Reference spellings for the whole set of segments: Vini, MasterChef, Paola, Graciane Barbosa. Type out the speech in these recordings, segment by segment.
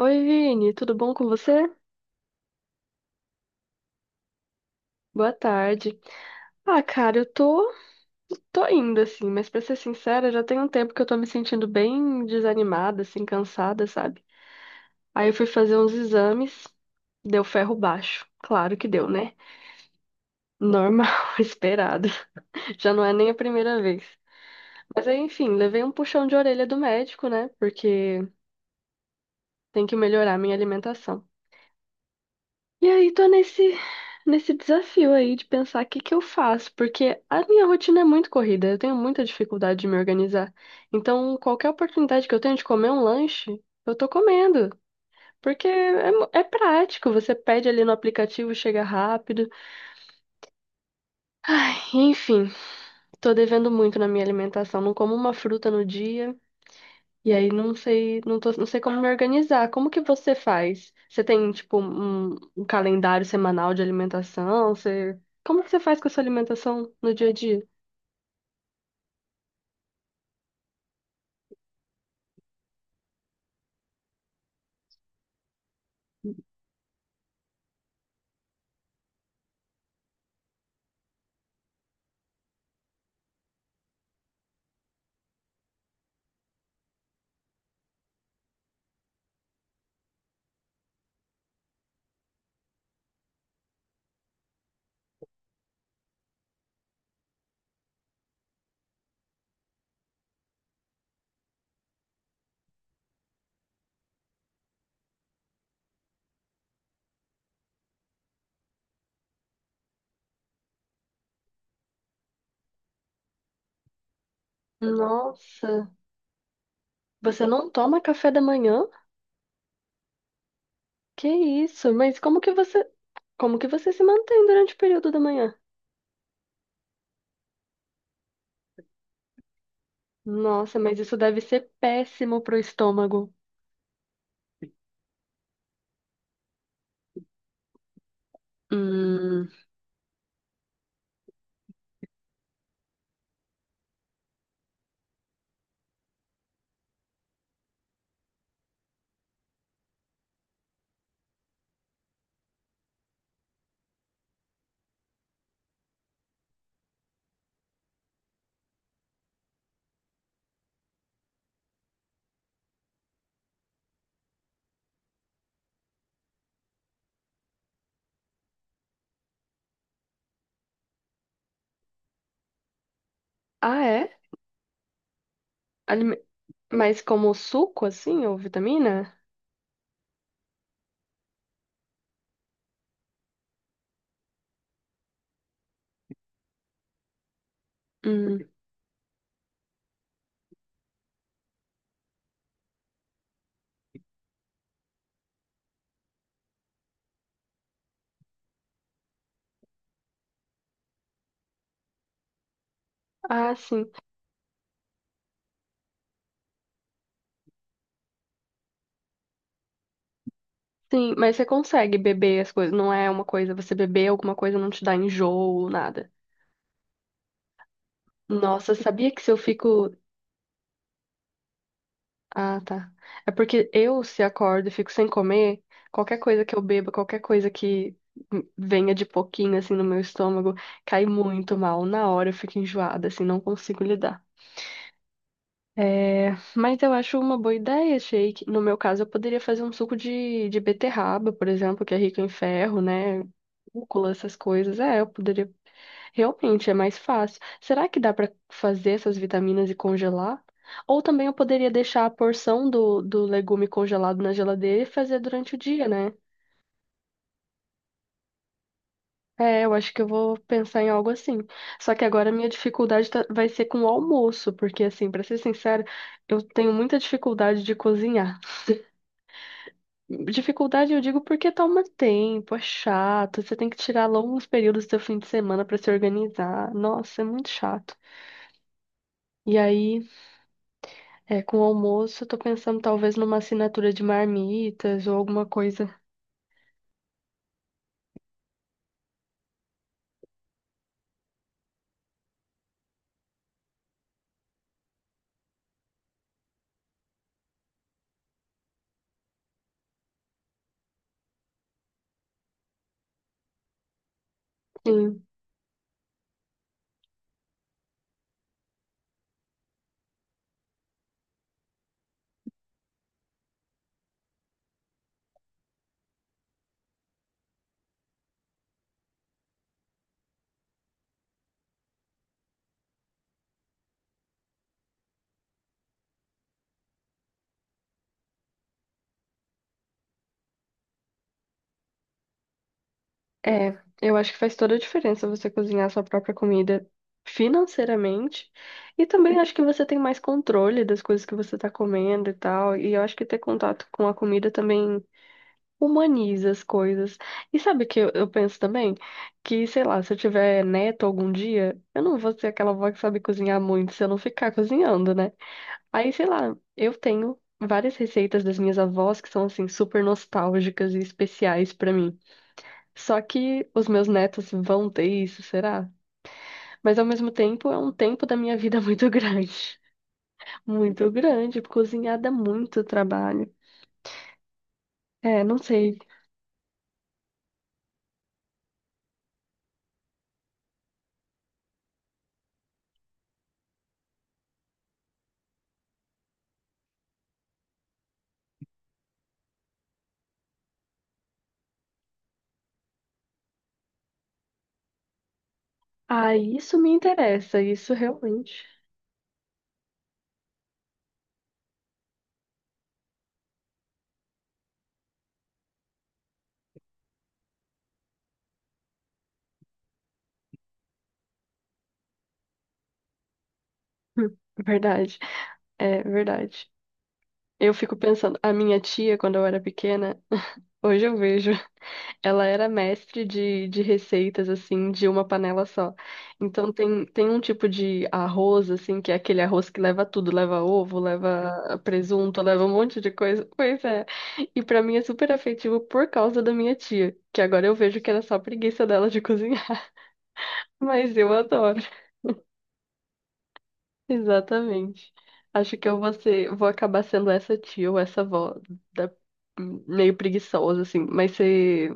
Oi, Vini, tudo bom com você? Boa tarde. Ah, cara, eu tô indo assim, mas pra ser sincera, já tem um tempo que eu tô me sentindo bem desanimada, assim, cansada, sabe? Aí eu fui fazer uns exames, deu ferro baixo. Claro que deu, né? Normal, esperado. Já não é nem a primeira vez. Mas aí, enfim, levei um puxão de orelha do médico, né? Porque tem que melhorar a minha alimentação. E aí tô nesse desafio aí de pensar o que que eu faço, porque a minha rotina é muito corrida, eu tenho muita dificuldade de me organizar. Então, qualquer oportunidade que eu tenho de comer um lanche, eu tô comendo, porque é, é prático, você pede ali no aplicativo, chega rápido. Ai, enfim, tô devendo muito na minha alimentação, não como uma fruta no dia. E aí não sei, não tô, não sei como me organizar. Como que você faz? Você tem, tipo, um calendário semanal de alimentação? Você, como que você faz com a sua alimentação no dia a dia? Nossa, você não toma café da manhã? Que isso? Mas como que você se mantém durante o período da manhã? Nossa, mas isso deve ser péssimo pro estômago. Hum. Ah, é? Alime- Mas como suco, assim, ou vitamina? Hum. Ah, sim. Sim, mas você consegue beber as coisas. Não é uma coisa, você beber alguma coisa não te dá enjoo, nada. Nossa, sabia que se eu fico. Ah, tá. É porque eu, se acordo e fico sem comer, qualquer coisa que eu beba, qualquer coisa que venha de pouquinho, assim, no meu estômago, cai muito mal. Na hora eu fico enjoada, assim, não consigo lidar. É, mas eu acho uma boa ideia, shake. No meu caso, eu poderia fazer um suco de beterraba, por exemplo, que é rico em ferro, né? Rúcula, essas coisas. É, eu poderia. Realmente, é mais fácil. Será que dá para fazer essas vitaminas e congelar? Ou também eu poderia deixar a porção do legume congelado na geladeira e fazer durante o dia, né? É, eu acho que eu vou pensar em algo assim. Só que agora a minha dificuldade vai ser com o almoço, porque assim, para ser sincera, eu tenho muita dificuldade de cozinhar. Dificuldade eu digo porque toma tempo, é chato, você tem que tirar longos períodos do seu fim de semana pra se organizar. Nossa, é muito chato. E aí, é, com o almoço, eu tô pensando talvez numa assinatura de marmitas ou alguma coisa. Sim. É, eu acho que faz toda a diferença você cozinhar a sua própria comida financeiramente. E também acho que você tem mais controle das coisas que você tá comendo e tal. E eu acho que ter contato com a comida também humaniza as coisas. E sabe o que eu penso também? Que, sei lá, se eu tiver neto algum dia, eu não vou ser aquela avó que sabe cozinhar muito se eu não ficar cozinhando, né? Aí, sei lá, eu tenho várias receitas das minhas avós que são, assim, super nostálgicas e especiais pra mim. Só que os meus netos vão ter isso, será? Mas ao mesmo tempo é um tempo da minha vida muito grande. Muito grande, cozinhar dá muito trabalho. É, não sei. Ah, isso me interessa, isso realmente. Verdade, é verdade. Eu fico pensando, a minha tia, quando eu era pequena, hoje eu vejo, ela era mestre de receitas, assim, de uma panela só. Então tem um tipo de arroz, assim, que é aquele arroz que leva tudo, leva ovo, leva presunto, leva um monte de coisa. Pois é. E pra mim é super afetivo por causa da minha tia, que agora eu vejo que era só preguiça dela de cozinhar, mas eu adoro. Exatamente. Acho que eu vou ser, vou acabar sendo essa tia ou essa avó da- meio preguiçosa, assim.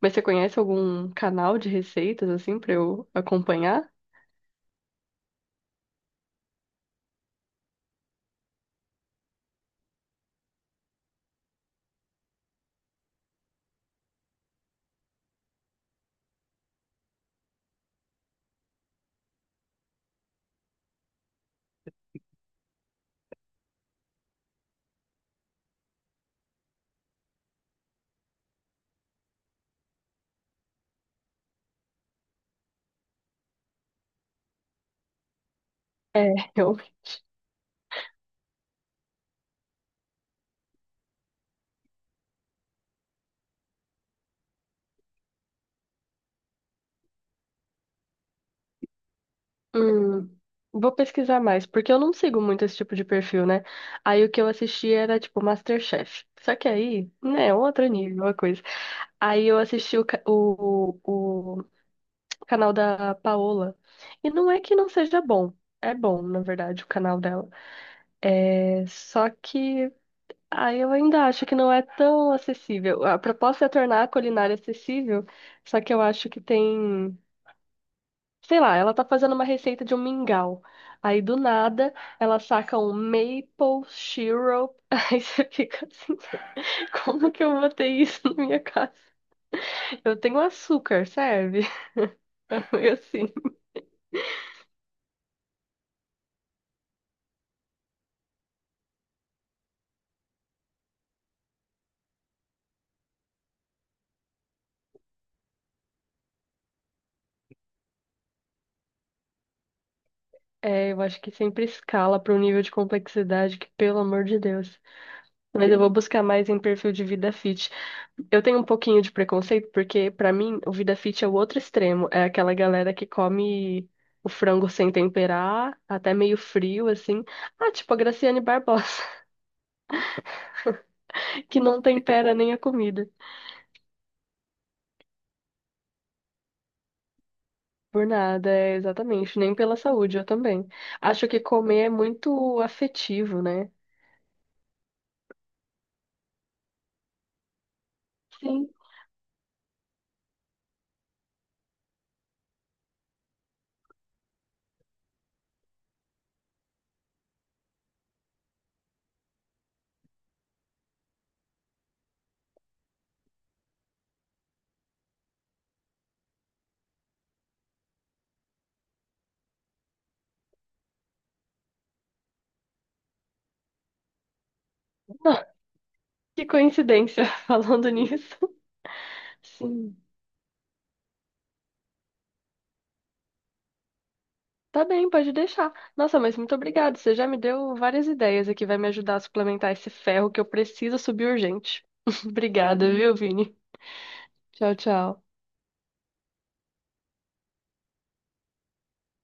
Mas você conhece algum canal de receitas, assim, pra eu acompanhar? É, eu. Hum, vou pesquisar mais, porque eu não sigo muito esse tipo de perfil, né? Aí o que eu assisti era, tipo, MasterChef. Só que aí, né, é um outro nível, uma coisa. Aí eu assisti o canal da Paola. E não é que não seja bom. É bom, na verdade, o canal dela. Só que aí eu ainda acho que não é tão acessível. A proposta é tornar a culinária acessível, só que eu acho que tem, sei lá, ela tá fazendo uma receita de um mingau. Aí do nada ela saca um maple syrup. Aí você fica assim, como que eu botei isso na minha casa? Eu tenho açúcar, serve? Foi assim. É, eu acho que sempre escala para um nível de complexidade que, pelo amor de Deus. Mas eu vou buscar mais em perfil de vida fit. Eu tenho um pouquinho de preconceito, porque pra mim o vida fit é o outro extremo. É aquela galera que come o frango sem temperar, até meio frio, assim. Ah, tipo a Graciane Barbosa, que não tempera nem a comida. Por nada, é, exatamente. Nem pela saúde, eu também. Acho que comer é muito afetivo, né? Sim. Que coincidência, falando nisso. Sim. Tá bem, pode deixar. Nossa, mas muito obrigada. Você já me deu várias ideias aqui, vai me ajudar a suplementar esse ferro que eu preciso subir urgente. Obrigada, viu, Vini? Tchau, tchau.